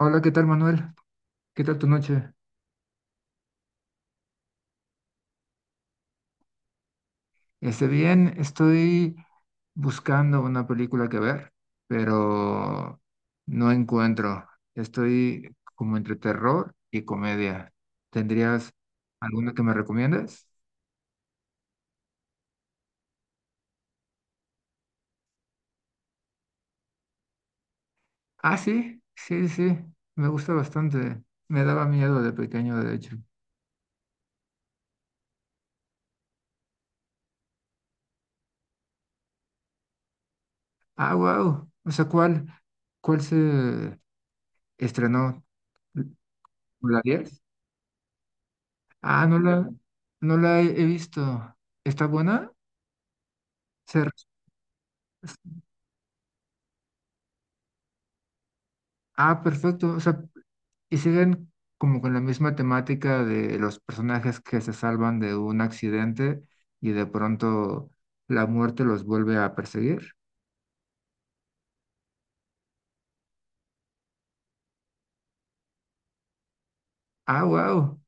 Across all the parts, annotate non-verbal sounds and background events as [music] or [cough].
Hola, ¿qué tal, Manuel? ¿Qué tal tu noche? Esté bien, estoy buscando una película que ver, pero no encuentro. Estoy como entre terror y comedia. ¿Tendrías alguna que me recomiendes? Ah, sí, sí, sí, me gusta bastante. Me daba miedo de pequeño, de hecho. Ah, wow. O sea, ¿cuál se estrenó? ¿La 10? Ah, no la he visto. ¿Está buena? Se res- Ah, perfecto. O sea, y siguen como con la misma temática de los personajes que se salvan de un accidente y de pronto la muerte los vuelve a perseguir. Ah, wow.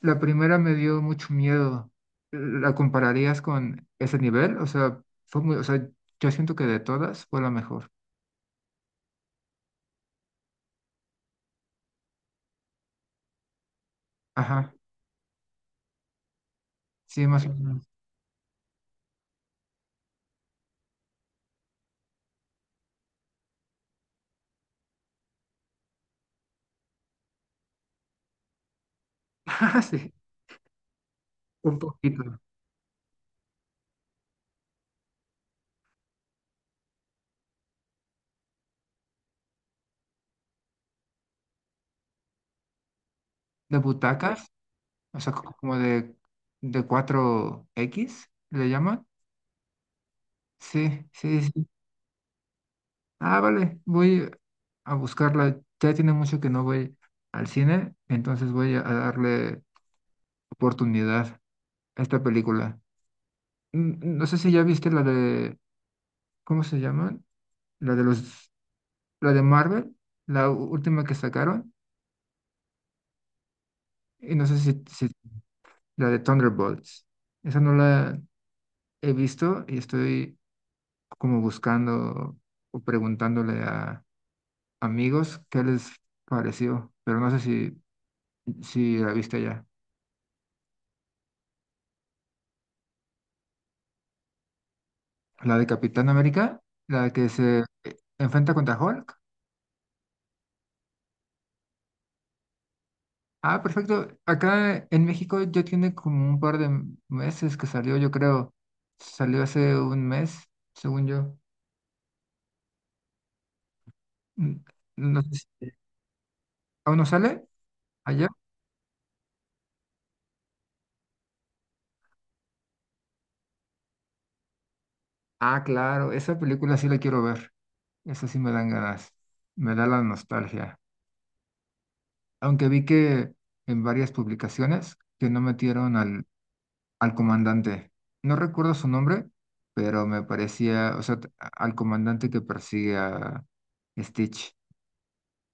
La primera me dio mucho miedo. ¿La compararías con ese nivel? O sea, fue muy, o sea, yo siento que de todas fue la mejor. Ajá. Sí, más o menos. [laughs] Ah, sí, un poquito. ¿De butacas? O sea, co- como de cuatro x le llaman. Sí, sí, sí. Ah, vale, voy a buscarla. Ya tiene mucho que no voy al cine, entonces voy a darle oportunidad a esta película. Mm, no sé si ya viste la de, ¿cómo se llaman? La de los, la de Marvel, la u- última que sacaron, y no sé si la de Thunderbolts. Esa no la he visto y estoy como buscando o preguntándole a amigos, ¿qué les pareció? Pero no sé si la viste ya. La de Capitán América, la que se enfrenta contra Hulk. Ah, perfecto. Acá en México ya tiene como un par de m- meses que salió, yo creo. Salió hace un mes, según yo. Mm, no sé si- ¿Aún no sale? ¿Allá? Ah, claro, esa película sí la quiero ver. Esa sí me dan ganas. Me da la nostalgia. Aunque vi que en varias publicaciones que no metieron al al comandante. No recuerdo su nombre, pero me parecía, o sea, t- al comandante que persigue a Stitch.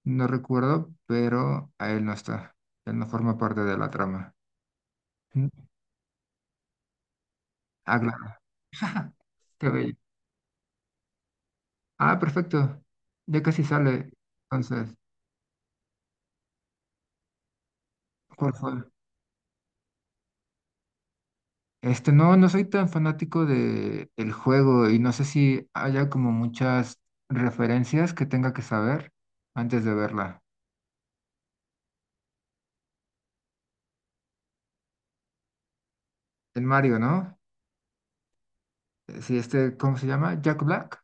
No recuerdo, pero a él no está. Él no forma parte de la trama. Mm. Ah, claro, qué bello. Ah, perfecto. Ya casi sale. Entonces, ¿cuál fue? Este, no, no soy tan fanático de el juego y no sé si haya como muchas referencias que tenga que saber antes de verla. El Mario, ¿no? Sí, este, ¿cómo se llama? Jack Black.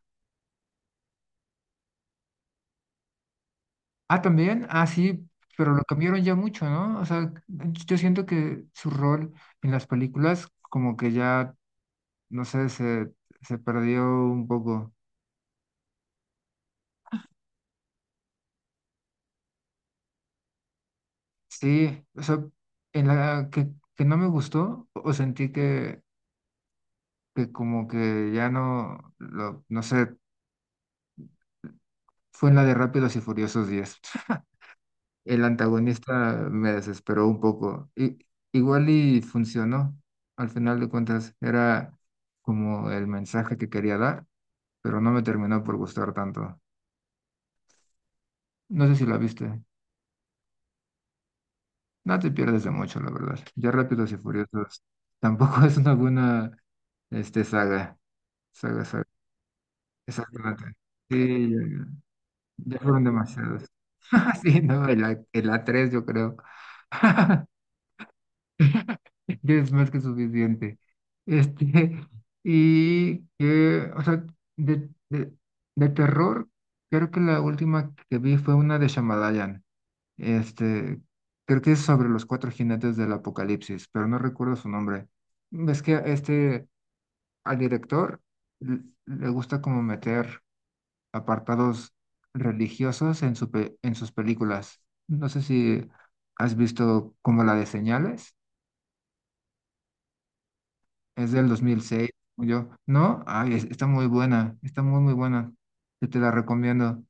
Ah, también. Ah, sí, pero lo cambiaron ya mucho, ¿no? O sea, yo siento que su rol en las películas como que ya, no sé, se perdió un poco. Sí, o sea, en la que no me gustó o sentí que como que ya no, lo, no sé, fue en la de Rápidos y Furiosos 10. El antagonista me desesperó un poco. I- igual y funcionó. Al final de cuentas, era como el mensaje que quería dar, pero no me terminó por gustar tanto. No sé si la viste. No te pierdes de mucho, la verdad. Ya Rápidos y Furiosos tampoco [laughs] es una buena este, saga. Saga, saga. Exactamente. Sí, ya, ya fueron demasiados. [laughs] Sí, no, el a tres yo creo. [laughs] Ya es más que suficiente. Este, [laughs] y que, o sea, de, de, de terror, creo que la última que vi fue una de Shyamalan. Este, creo que es sobre los cuatro jinetes del apocalipsis, pero no recuerdo su nombre. Es que este, al director l- le gusta como meter apartados religiosos en su pe- en sus películas. No sé si has visto como la de Señales. Es del 2006, como yo. ¿No? Ay, es- está muy buena, está muy, muy buena. Yo te la recomiendo.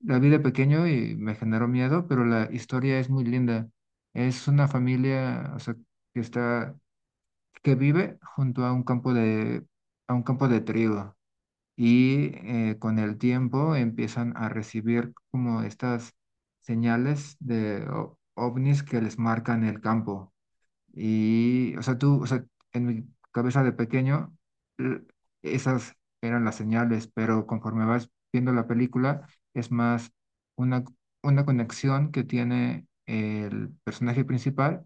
La vi de pequeño y me generó miedo, pero la historia es muy linda. Es una familia, o sea, que está, que vive junto a un campo a un campo de trigo. Y con el tiempo empiezan a recibir como estas señales de o- ovnis que les marcan el campo. Y, o sea, tú, o sea, en mi cabeza de pequeño, l- esas eran las señales, pero conforme vas viendo la película, es más una, una conexión que tiene el personaje principal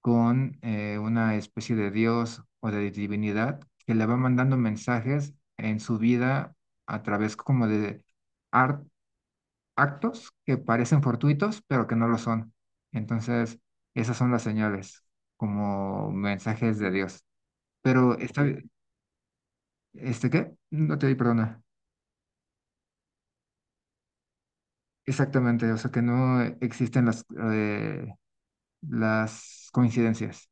con una especie de dios o de divinidad que le va mandando mensajes en su vida a través como de actos que parecen fortuitos, pero que no lo son. Entonces, esas son las señales, como mensajes de Dios. Pero está, ok. ¿Este qué? No te di perdona. Exactamente, o sea que no existen eh, las coincidencias.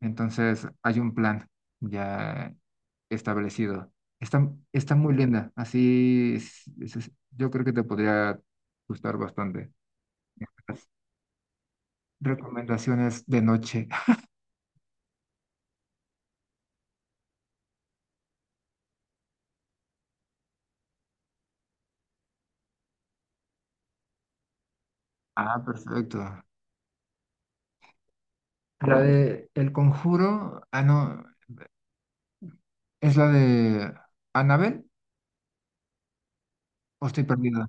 Entonces, hay un plan ya establecido. Está, está muy linda, así es- yo creo que te podría gustar bastante. Recomendaciones de noche. [laughs] Ah, perfecto. La de El Conjuro, ah, no, ¿es la de Annabelle? ¿O estoy perdida?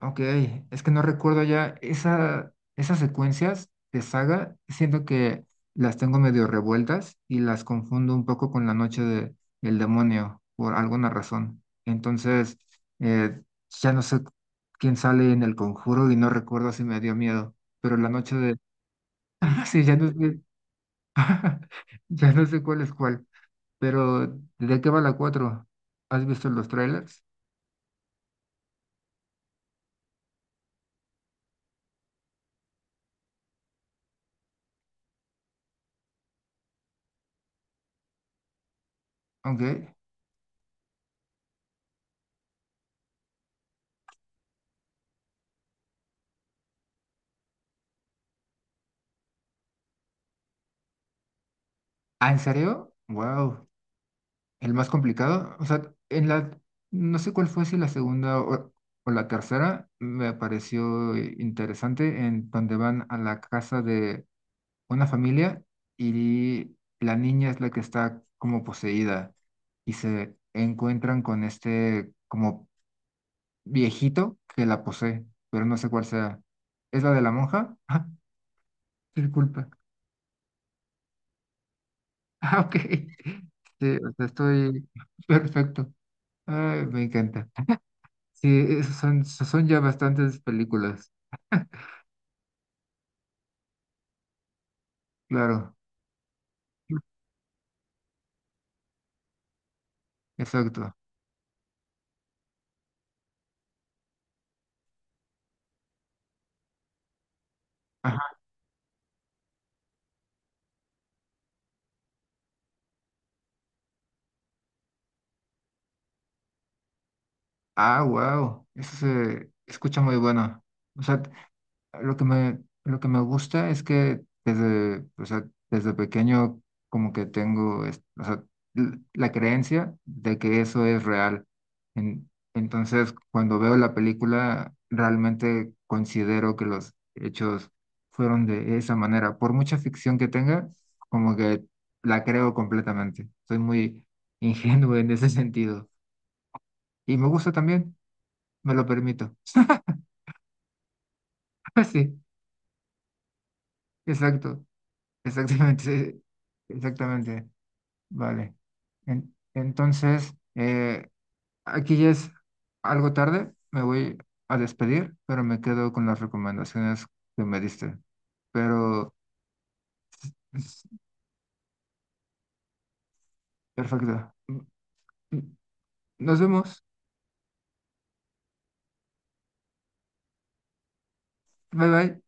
Ok, es que no recuerdo ya esa, esas secuencias de saga, siento que las tengo medio revueltas y las confundo un poco con la noche de, del demonio por alguna razón. Entonces, eh, ya no sé quién sale en El Conjuro y no recuerdo si me dio miedo, pero la noche de... [laughs] Sí, ya no sé, [laughs] ya no sé cuál es cuál. Pero, ¿de qué va la 4? ¿Has visto los trailers? Ok. ¿Ah, en serio? Wow. ¿El más complicado? O sea, en la... No sé cuál fue, si la segunda o la tercera, me pareció interesante, en donde van a la casa de una familia y la niña es la que está como poseída y se encuentran con este como viejito que la posee, pero no sé cuál sea. ¿Es la de la monja? [laughs] Ah, disculpa. [laughs] Ah, ok. Sí, o sea, estoy [laughs] perfecto. Ay, me encanta. Sí, esos son, son ya bastantes películas. Claro, exacto. Ajá. Ah, wow. Eso se escucha muy bueno. O sea, lo que me, lo que me gusta es que desde, o sea, desde pequeño como que tengo es- o sea, l- la creencia de que eso es real. En- entonces, cuando veo la película, realmente considero que los hechos fueron de esa manera. Por mucha ficción que tenga, como que la creo completamente. Soy muy [laughs] ingenuo en ese sentido. Y me gusta también, me lo permito. [laughs] Sí, exacto. Exactamente, [laughs] sí, exactamente, vale. En- entonces, aquí ya es algo tarde, me voy a despedir, pero me quedo con las recomendaciones que me diste. Pero, es- perfecto. Nos vemos. Bye bye.